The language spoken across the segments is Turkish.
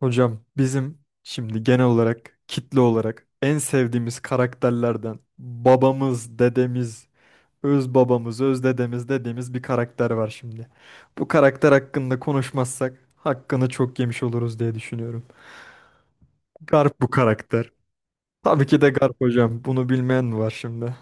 Hocam bizim şimdi genel olarak kitle olarak en sevdiğimiz karakterlerden babamız, dedemiz, öz babamız, öz dedemiz dediğimiz bir karakter var şimdi. Bu karakter hakkında konuşmazsak hakkını çok yemiş oluruz diye düşünüyorum. Garp bu karakter. Tabii ki de Garp hocam. Bunu bilmeyen mi var şimdi?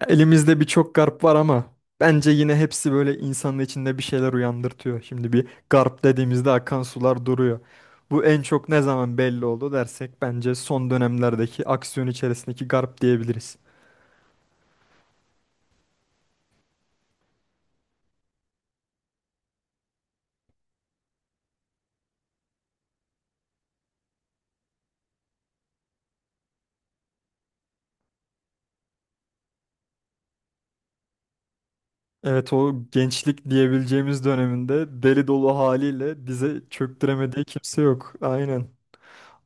Ya elimizde birçok garp var ama bence yine hepsi böyle insanın içinde bir şeyler uyandırtıyor. Şimdi bir garp dediğimizde akan sular duruyor. Bu en çok ne zaman belli oldu dersek bence son dönemlerdeki aksiyon içerisindeki garp diyebiliriz. Evet, o gençlik diyebileceğimiz döneminde deli dolu haliyle bize çöktüremediği kimse yok. Aynen.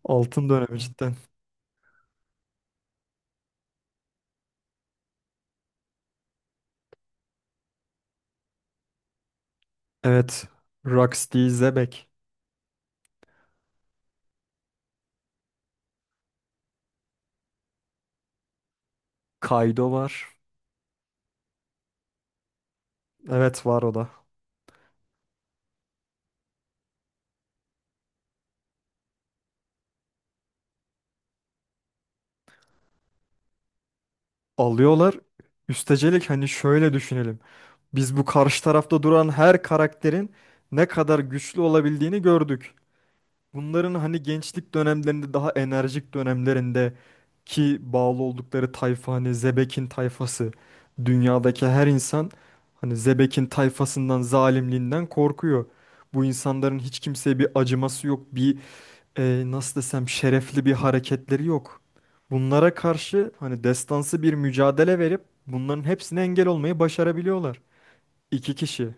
Altın dönemi cidden. Evet. Rocksteady Zebek. Kaido var. Evet, var o da. Alıyorlar. Üstecelik hani şöyle düşünelim. Biz bu karşı tarafta duran her karakterin ne kadar güçlü olabildiğini gördük. Bunların hani gençlik dönemlerinde, daha enerjik dönemlerinde ki bağlı oldukları tayfa hani Zebek'in tayfası. Dünyadaki her insan hani Zebek'in tayfasından, zalimliğinden korkuyor. Bu insanların hiç kimseye bir acıması yok, bir nasıl desem şerefli bir hareketleri yok. Bunlara karşı hani destansı bir mücadele verip bunların hepsine engel olmayı başarabiliyorlar. İki kişi.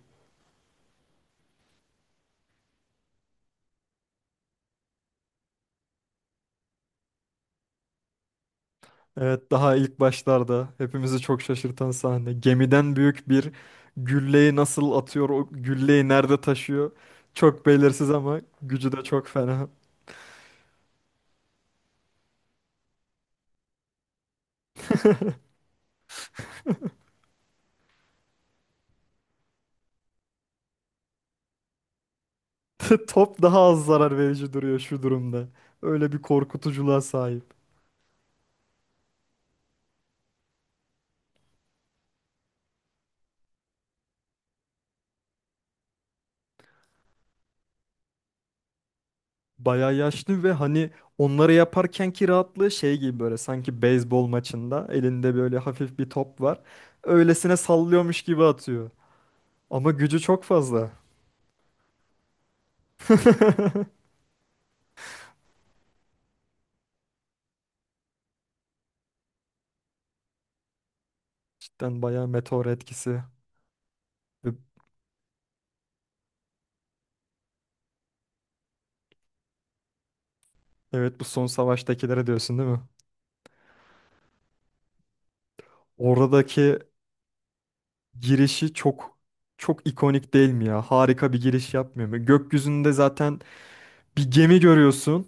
Evet, daha ilk başlarda hepimizi çok şaşırtan sahne. Gemiden büyük bir gülleyi nasıl atıyor, o gülleyi nerede taşıyor? Çok belirsiz ama gücü de çok fena. Top daha az zarar verici duruyor şu durumda. Öyle bir korkutuculuğa sahip. Bayağı yaşlı ve hani onları yaparkenki rahatlığı şey gibi, böyle sanki beyzbol maçında elinde böyle hafif bir top var. Öylesine sallıyormuş gibi atıyor. Ama gücü çok fazla. Cidden bayağı meteor etkisi. Ve Evet, bu son savaştakilere diyorsun değil mi? Oradaki girişi çok ikonik değil mi ya? Harika bir giriş yapmıyor mu? Gökyüzünde zaten bir gemi görüyorsun.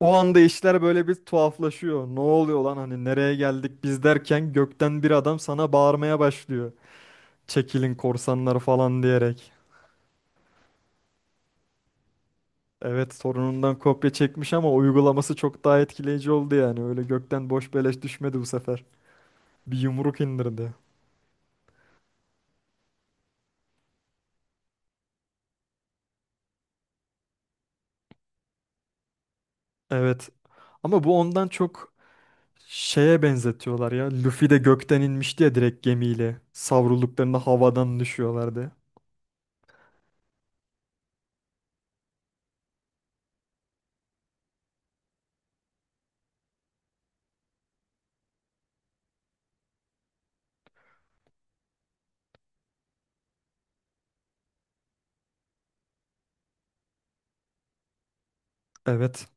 O anda işler böyle bir tuhaflaşıyor. Ne oluyor lan, hani nereye geldik biz derken gökten bir adam sana bağırmaya başlıyor. Çekilin korsanlar falan diyerek. Evet, sorunundan kopya çekmiş ama uygulaması çok daha etkileyici oldu yani. Öyle gökten boş beleş düşmedi bu sefer. Bir yumruk indirdi. Evet. Ama bu ondan çok Şeye benzetiyorlar ya. Luffy de gökten inmişti ya direkt gemiyle. Savrulduklarında havadan düşüyorlardı. Evet.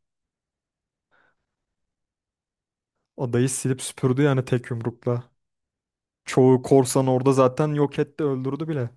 Adayı silip süpürdü yani tek yumrukla. Çoğu korsan orada zaten yok etti, öldürdü bile.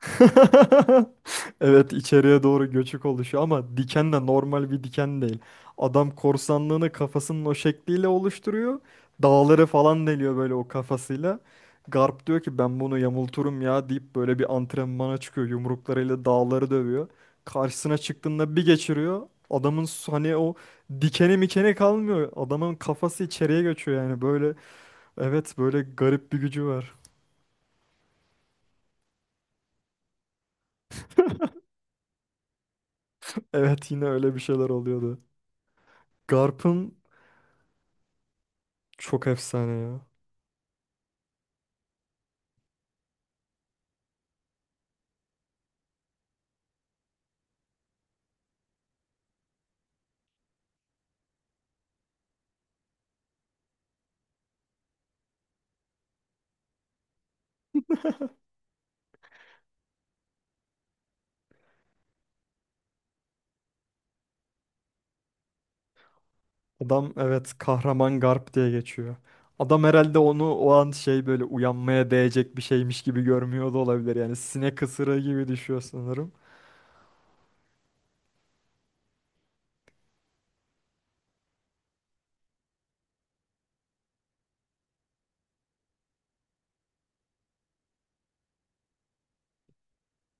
Evet, içeriye doğru göçük oluşuyor ama diken de normal bir diken değil. Adam korsanlığını kafasının o şekliyle oluşturuyor. Dağları falan deliyor böyle o kafasıyla. Garp diyor ki ben bunu yamulturum ya deyip böyle bir antrenmana çıkıyor. Yumruklarıyla dağları dövüyor. Karşısına çıktığında bir geçiriyor. Hani o dikeni mikeni kalmıyor. Adamın kafası içeriye göçüyor yani böyle. Evet, böyle garip bir gücü var. Evet, yine öyle bir şeyler oluyordu. Garp'ın Çok efsane ya. Adam evet, kahraman Garp diye geçiyor. Adam herhalde onu o an şey, böyle uyanmaya değecek bir şeymiş gibi görmüyor da olabilir. Yani sinek ısırığı gibi düşüyor sanırım.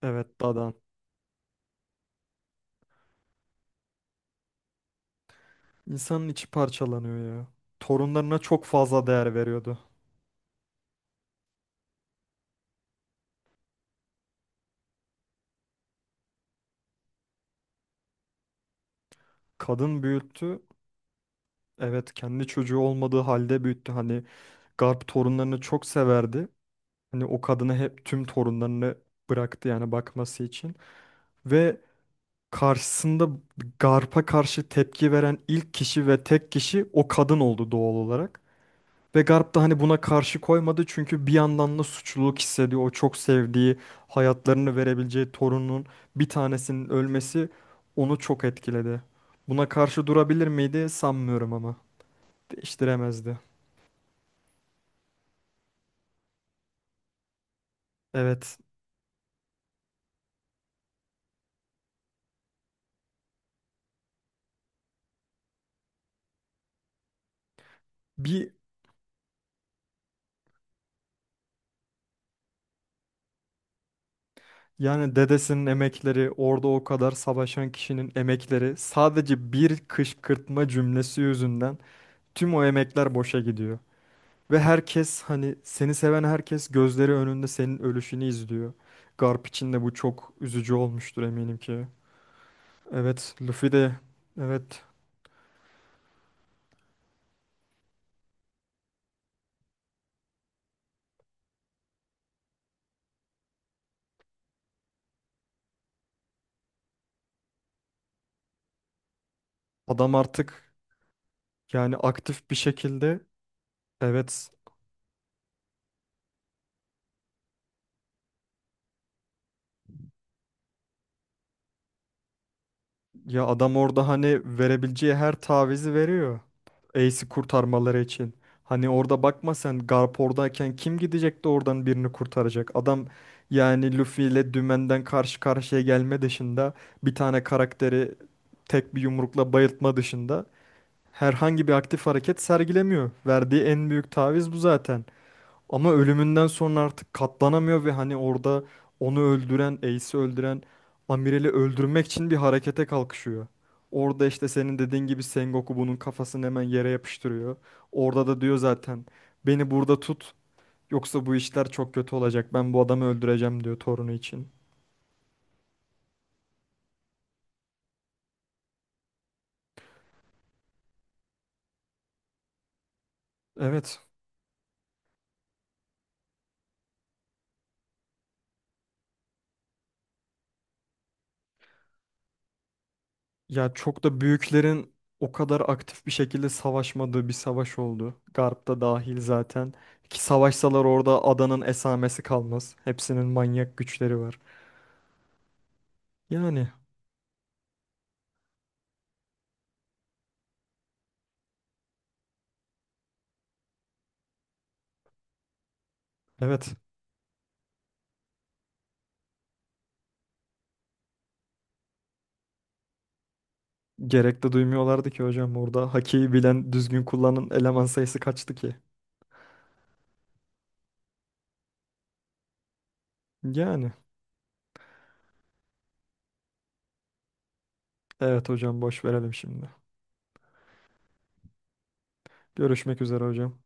Evet, dadan. İnsanın içi parçalanıyor ya. Torunlarına çok fazla değer veriyordu. Kadın büyüttü. Evet, kendi çocuğu olmadığı halde büyüttü. Hani Garp torunlarını çok severdi. Hani o kadını hep, tüm torunlarını bıraktı yani bakması için. Ve karşısında Garp'a karşı tepki veren ilk kişi ve tek kişi o kadın oldu doğal olarak. Ve Garp da hani buna karşı koymadı çünkü bir yandan da suçluluk hissediyor. O çok sevdiği, hayatlarını verebileceği torunun bir tanesinin ölmesi onu çok etkiledi. Buna karşı durabilir miydi? Sanmıyorum ama. Değiştiremezdi. Evet. Bir, yani dedesinin emekleri, orada o kadar savaşan kişinin emekleri sadece bir kışkırtma cümlesi yüzünden tüm o emekler boşa gidiyor. Ve herkes hani seni seven herkes gözleri önünde senin ölüşünü izliyor. Garp için de bu çok üzücü olmuştur eminim ki. Evet, Luffy de evet, adam artık yani aktif bir şekilde evet. Ya adam orada hani verebileceği her tavizi veriyor. Ace'i kurtarmaları için. Hani orada bakma, sen Garp oradayken kim gidecek de oradan birini kurtaracak? Adam yani Luffy ile dümenden karşı karşıya gelme dışında, bir tane karakteri tek bir yumrukla bayıltma dışında herhangi bir aktif hareket sergilemiyor. Verdiği en büyük taviz bu zaten. Ama ölümünden sonra artık katlanamıyor ve hani orada onu öldüren, Ace'i öldüren Amirel'i öldürmek için bir harekete kalkışıyor. Orada işte senin dediğin gibi Sengoku bunun kafasını hemen yere yapıştırıyor. Orada da diyor zaten, beni burada tut yoksa bu işler çok kötü olacak. Ben bu adamı öldüreceğim diyor torunu için. Evet. Ya çok da büyüklerin o kadar aktif bir şekilde savaşmadığı bir savaş oldu. Garp da dahil zaten. Ki savaşsalar orada adanın esamesi kalmaz. Hepsinin manyak güçleri var. Yani evet, gerek de duymuyorlardı ki hocam orada. Hakiyi bilen düzgün kullanan eleman sayısı kaçtı ki? Yani evet hocam, boş verelim şimdi. Görüşmek üzere hocam.